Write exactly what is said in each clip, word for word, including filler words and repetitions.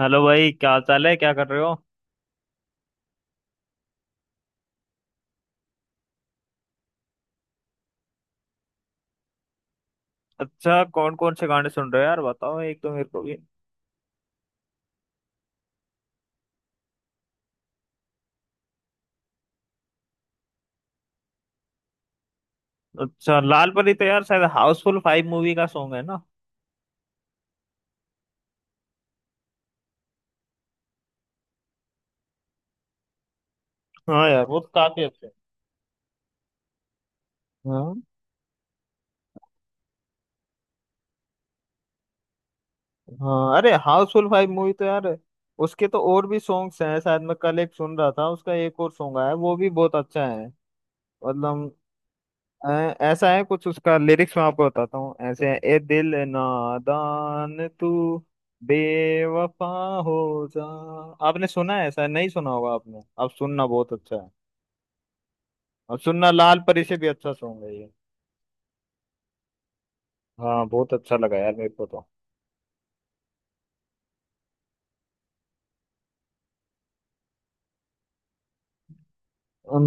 Hello भाई, क्या हाल चाल है? क्या कर रहे हो? अच्छा, कौन कौन से गाने सुन रहे हो यार? बताओ एक तो मेरे को भी। अच्छा, लाल परी तो यार शायद हाउसफुल फाइव मूवी का सॉन्ग है ना? हाँ यार, वो तो काफी अच्छा है। हाँ। हाँ अरे, हाउसफुल फाइव मूवी तो यार उसके तो और भी सॉन्ग्स हैं। शायद मैं कल एक सुन रहा था, उसका एक और सॉन्ग आया, वो भी बहुत अच्छा है। मतलब अ, ऐसा है कुछ। उसका लिरिक्स मैं आपको बताता हूँ, ऐसे है, ए दिल नादान तू बेवफा हो जा। आपने सुना है? ऐसा नहीं सुना होगा आपने, आप सुनना, बहुत अच्छा है। और सुनना, लाल परी से भी अच्छा सॉन्ग है ये। हाँ, बहुत अच्छा लगा यार मेरे को तो।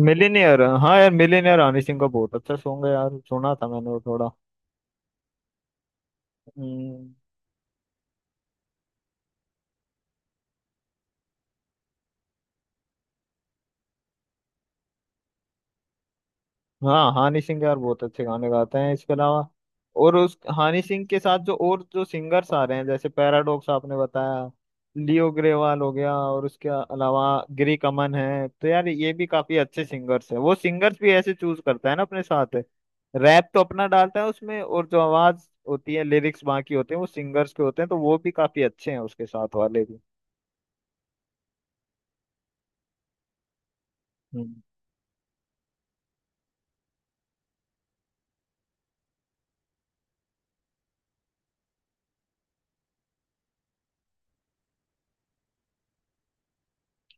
मिलीनियर, हाँ यार, मिलीनियर हनी सिंह का बहुत अच्छा सॉन्ग है यार, सुना था मैंने वो थोड़ा। हम्म। हाँ, हानि सिंह यार बहुत अच्छे गाने गाते हैं। इसके अलावा और उस हानि सिंह के साथ जो और जो सिंगर्स आ रहे हैं, जैसे पैराडॉक्स आपने बताया, लियो ग्रेवाल हो गया, और उसके अलावा गिरी कमन है, तो यार ये भी काफी अच्छे सिंगर्स हैं। वो सिंगर्स भी ऐसे चूज करता है ना अपने साथ, रैप तो अपना डालता है उसमें, और जो आवाज होती है, लिरिक्स बाकी होते हैं वो सिंगर्स के होते हैं, तो वो भी काफी अच्छे हैं उसके साथ वाले भी। हम्म।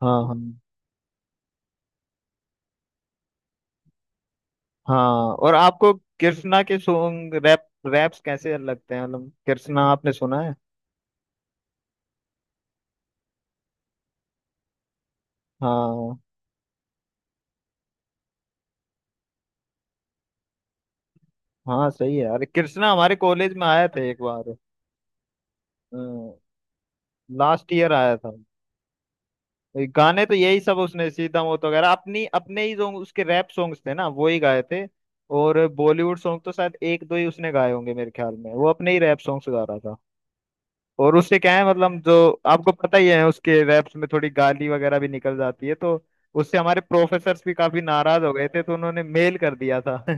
हाँ हाँ हाँ। और आपको कृष्णा के सॉन्ग, रैप, रैप्स कैसे लगते हैं? मतलब कृष्णा आपने सुना है? हाँ हाँ, सही है। अरे कृष्णा हमारे कॉलेज में आया था एक बार। लास्ट ईयर आया था। ये गाने तो यही सब उसने, सीता मोत वगैरह, अपनी अपने ही सॉन्ग, उसके रैप सॉन्ग्स थे ना, वो ही गाए थे। और बॉलीवुड सॉन्ग तो शायद एक दो ही उसने गाए होंगे मेरे ख्याल में, वो अपने ही रैप सॉन्ग्स गा रहा था। और उससे क्या है, मतलब जो आपको पता ही है, उसके रैप्स में थोड़ी गाली वगैरह भी निकल जाती है, तो उससे हमारे प्रोफेसर्स भी काफी नाराज हो गए थे, तो उन्होंने मेल कर दिया था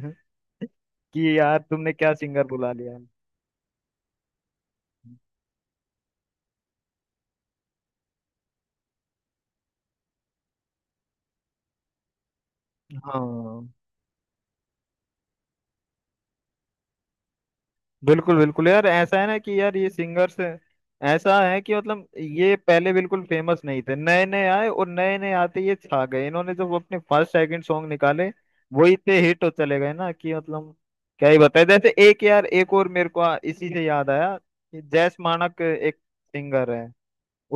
कि यार तुमने क्या सिंगर बुला लिया। हाँ बिल्कुल बिल्कुल यार, ऐसा है ना कि यार ये सिंगर्स, ऐसा है कि मतलब ये पहले बिल्कुल फेमस नहीं थे, नए नए आए, और नए नए आते ये छा गए। इन्होंने जब अपने फर्स्ट सेकंड सॉन्ग निकाले, वो इतने हिट हो चले गए ना कि मतलब क्या ही बताए। जैसे एक यार, एक और मेरे को आ- इसी से याद आया कि जैस मानक एक सिंगर है,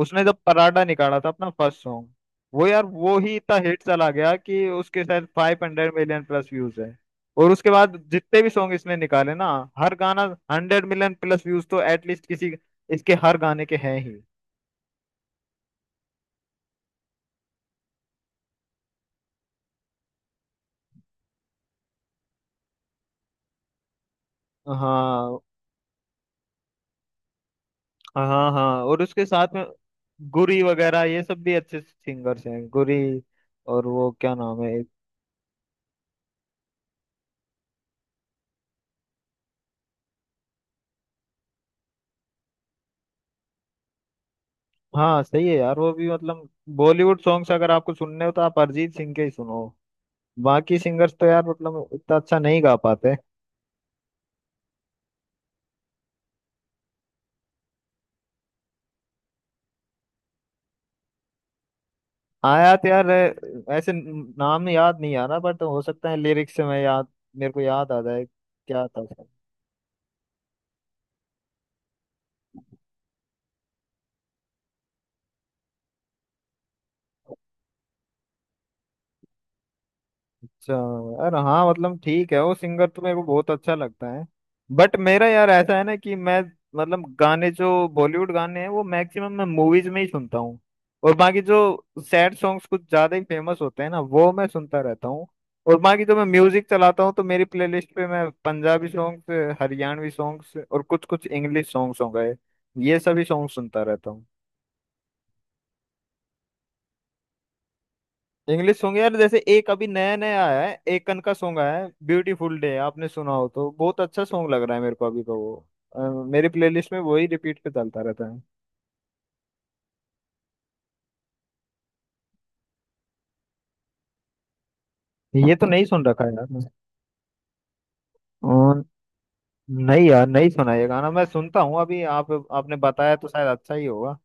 उसने जब पराठा निकाला था अपना फर्स्ट सॉन्ग, वो यार वो ही इतना हिट चला गया कि उसके शायद five hundred million plus views है। और उसके बाद जितने भी सॉन्ग इसने निकाले ना, हर गाना हंड्रेड मिलियन प्लस व्यूज तो एटलीस्ट किसी, इसके हर गाने के हैं ही। हाँ हाँ हाँ। और उसके साथ में गुरी वगैरह, ये सब भी अच्छे सिंगर्स हैं, गुरी और वो क्या नाम है एक-। हाँ सही है यार, वो भी मतलब बॉलीवुड सॉन्ग्स अगर आपको सुनने हो तो आप अरिजीत सिंह के ही सुनो। बाकी सिंगर्स तो यार मतलब इतना अच्छा नहीं गा पाते। आया तो यार, अ, ऐसे न- नाम याद नहीं आ रहा, बट हो सकता है लिरिक्स से मैं याद, मेरे को याद आ जाए क्या था। अच्छा यार, हाँ मतलब ठीक है, वो सिंगर तो मेरे को बहुत अच्छा लगता है, बट मेरा यार ऐसा है ना कि मैं, मतलब गाने जो बॉलीवुड गाने हैं वो मैक्सिमम मैं मूवीज में ही सुनता हूँ। और बाकी जो सैड सॉन्ग्स कुछ ज्यादा ही फेमस होते हैं ना, वो मैं सुनता रहता हूँ। और बाकी जो मैं म्यूजिक चलाता हूँ तो मेरी प्लेलिस्ट पे मैं पंजाबी सॉन्ग्स, हरियाणवी सॉन्ग्स और कुछ कुछ इंग्लिश सॉन्ग्स हो गए, ये सभी सॉन्ग सुनता रहता हूँ। इंग्लिश सॉन्ग यार, जैसे एक अभी नया नया आया है एकन का सॉन्ग, आया है ब्यूटीफुल डे, आपने सुना हो तो, बहुत अच्छा सॉन्ग लग रहा है मेरे को अभी तो वो। अ, मेरी प्लेलिस्ट में वही रिपीट पे चलता रहता है। ये तो नहीं सुन रखा है यार मैंने। अ, नहीं यार, नहीं सुना। ये गाना मैं सुनता हूँ अभी, आप आपने बताया तो शायद अच्छा ही होगा।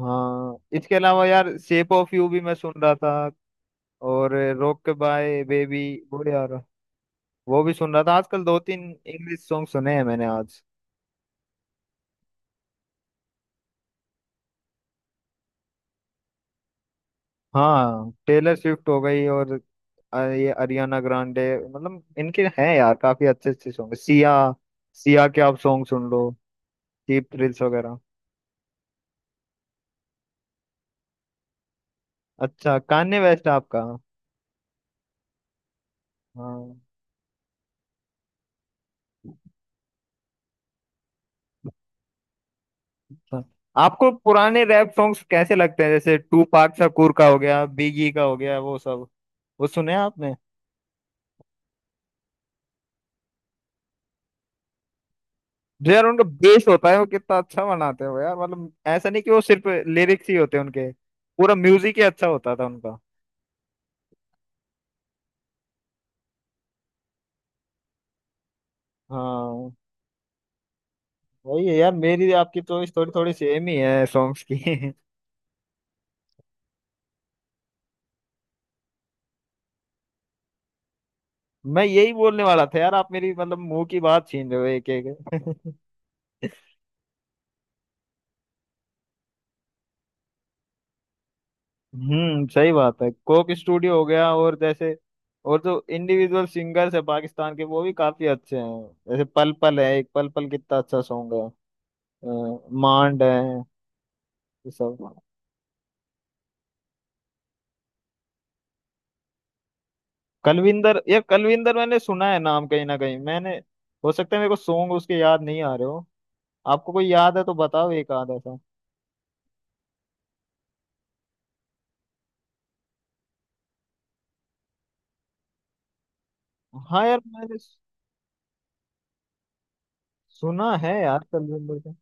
हाँ, इसके अलावा यार शेप ऑफ यू भी मैं सुन रहा था, और रोक के बाय बेबी वो यार, वो भी सुन रहा था। आजकल दो तीन इंग्लिश सॉन्ग सुने हैं मैंने आज। हाँ, टेलर स्विफ्ट हो गई, और अ- ये अरियाना ग्रांडे, मतलब इनके हैं यार काफी अच्छे अच्छे सॉन्ग। सिया, सिया के आप सॉन्ग सुन लो, चीप थ्रिल्स वगैरह। अच्छा, कान्ये वेस्ट आपका? हाँ। अच्छा। आपको पुराने रैप सॉन्ग्स कैसे लगते हैं? जैसे टू पाक शकूर का हो गया, बिगी का हो गया, वो सब वो सुने हैं आपने? जो यार उनका बेस होता है, वो कितना अच्छा बनाते हो यार, मतलब ऐसा नहीं कि वो सिर्फ लिरिक्स ही होते हैं उनके, पूरा म्यूजिक ही अच्छा होता था उनका। हाँ, वही है यार, मेरी आपकी चॉइस थोड़ी थोड़ी सेम ही है सॉन्ग्स की। मैं यही बोलने वाला था यार, आप मेरी मतलब मुंह की बात छीन रहे हो एक एक हम्म, सही बात है, कोक स्टूडियो हो गया, और जैसे और जो इंडिविजुअल सिंगर्स है पाकिस्तान के, वो भी काफी अच्छे हैं। जैसे पल पल है एक, पल पल कितना अच्छा सॉन्ग है। अ, मांड है, ये सब, कलविंदर। ये कलविंदर मैंने सुना है नाम कहीं ना कहीं मैंने। हो सकता है मेरे को सॉन्ग उसके याद नहीं आ रहे हो। आपको कोई याद है तो बताओ एक आध ऐसा। हाँ यार मैंने सुना है यार, कलविंदर।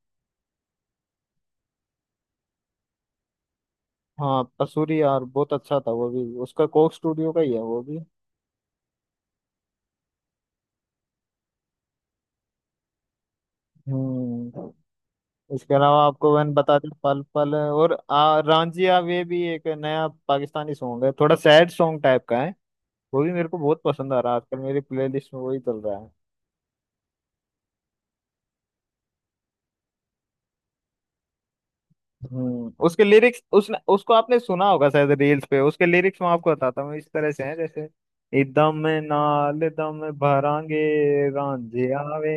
हाँ कसूरी यार, बहुत अच्छा था, वो भी उसका कोक स्टूडियो का ही है वो भी। हम्म। इसके अलावा आपको मैंने बता दिया, पल पल और आ, रांझिया वे भी एक नया पाकिस्तानी सॉन्ग है, थोड़ा सैड सॉन्ग टाइप का है। वो भी मेरे को बहुत पसंद आ रहा है आजकल, मेरी प्लेलिस्ट में वही चल रहा है। हम्म, उसके लिरिक्स, उसने उसको आपने सुना होगा शायद रील्स पे। उसके लिरिक्स मैं आपको बताता हूँ, इस तरह से हैं जैसे, इदम नाल दम भरांगे, रांझिया वे।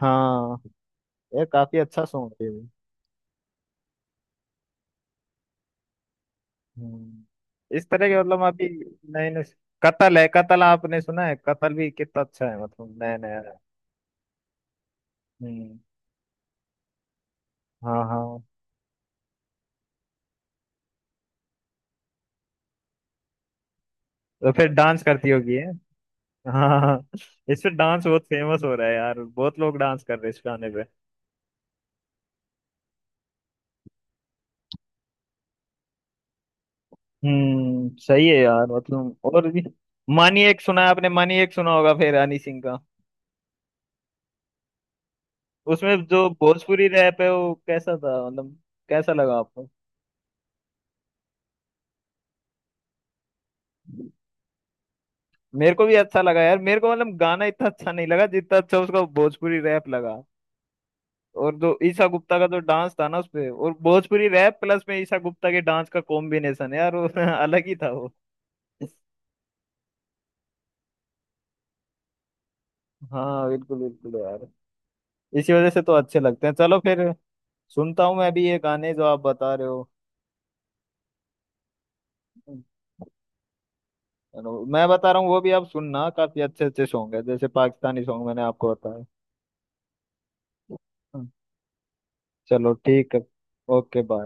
हाँ, ये काफी अच्छा सॉन्ग है। हम्म। इस तरह के मतलब अभी नए नए, कतल है कतल, आपने सुना है? कतल भी कितना अच्छा है, मतलब नया नया है। हम्म। हाँ हाँ। तो फिर डांस करती होगी है। हाँ हाँ हाँ। इस पे डांस बहुत फेमस हो रहा है यार, बहुत लोग डांस कर रहे हैं इस गाने पे। हम्म, सही है यार, मतलब और भी। मानी एक सुना है आपने? मानी एक सुना होगा फिर, हनी सिंह का। उसमें जो भोजपुरी रैप है वो कैसा था, मतलब कैसा लगा आपको? मेरे को भी अच्छा लगा यार, मेरे को मतलब गाना इतना अच्छा नहीं लगा जितना अच्छा उसका भोजपुरी रैप लगा। और जो ईशा गुप्ता का जो डांस था ना उसपे, और भोजपुरी रैप प्लस में ईशा गुप्ता के डांस का कॉम्बिनेशन यार वो अलग ही था वो। हाँ बिल्कुल बिल्कुल यार, इसी वजह से तो अच्छे लगते हैं। चलो फिर, सुनता हूँ मैं भी ये गाने जो आप बता रहे हो। चलो, मैं बता रहा हूँ वो भी आप सुनना, काफी अच्छे अच्छे सॉन्ग है जैसे पाकिस्तानी सॉन्ग मैंने आपको बताया। चलो ठीक है। Okay bye.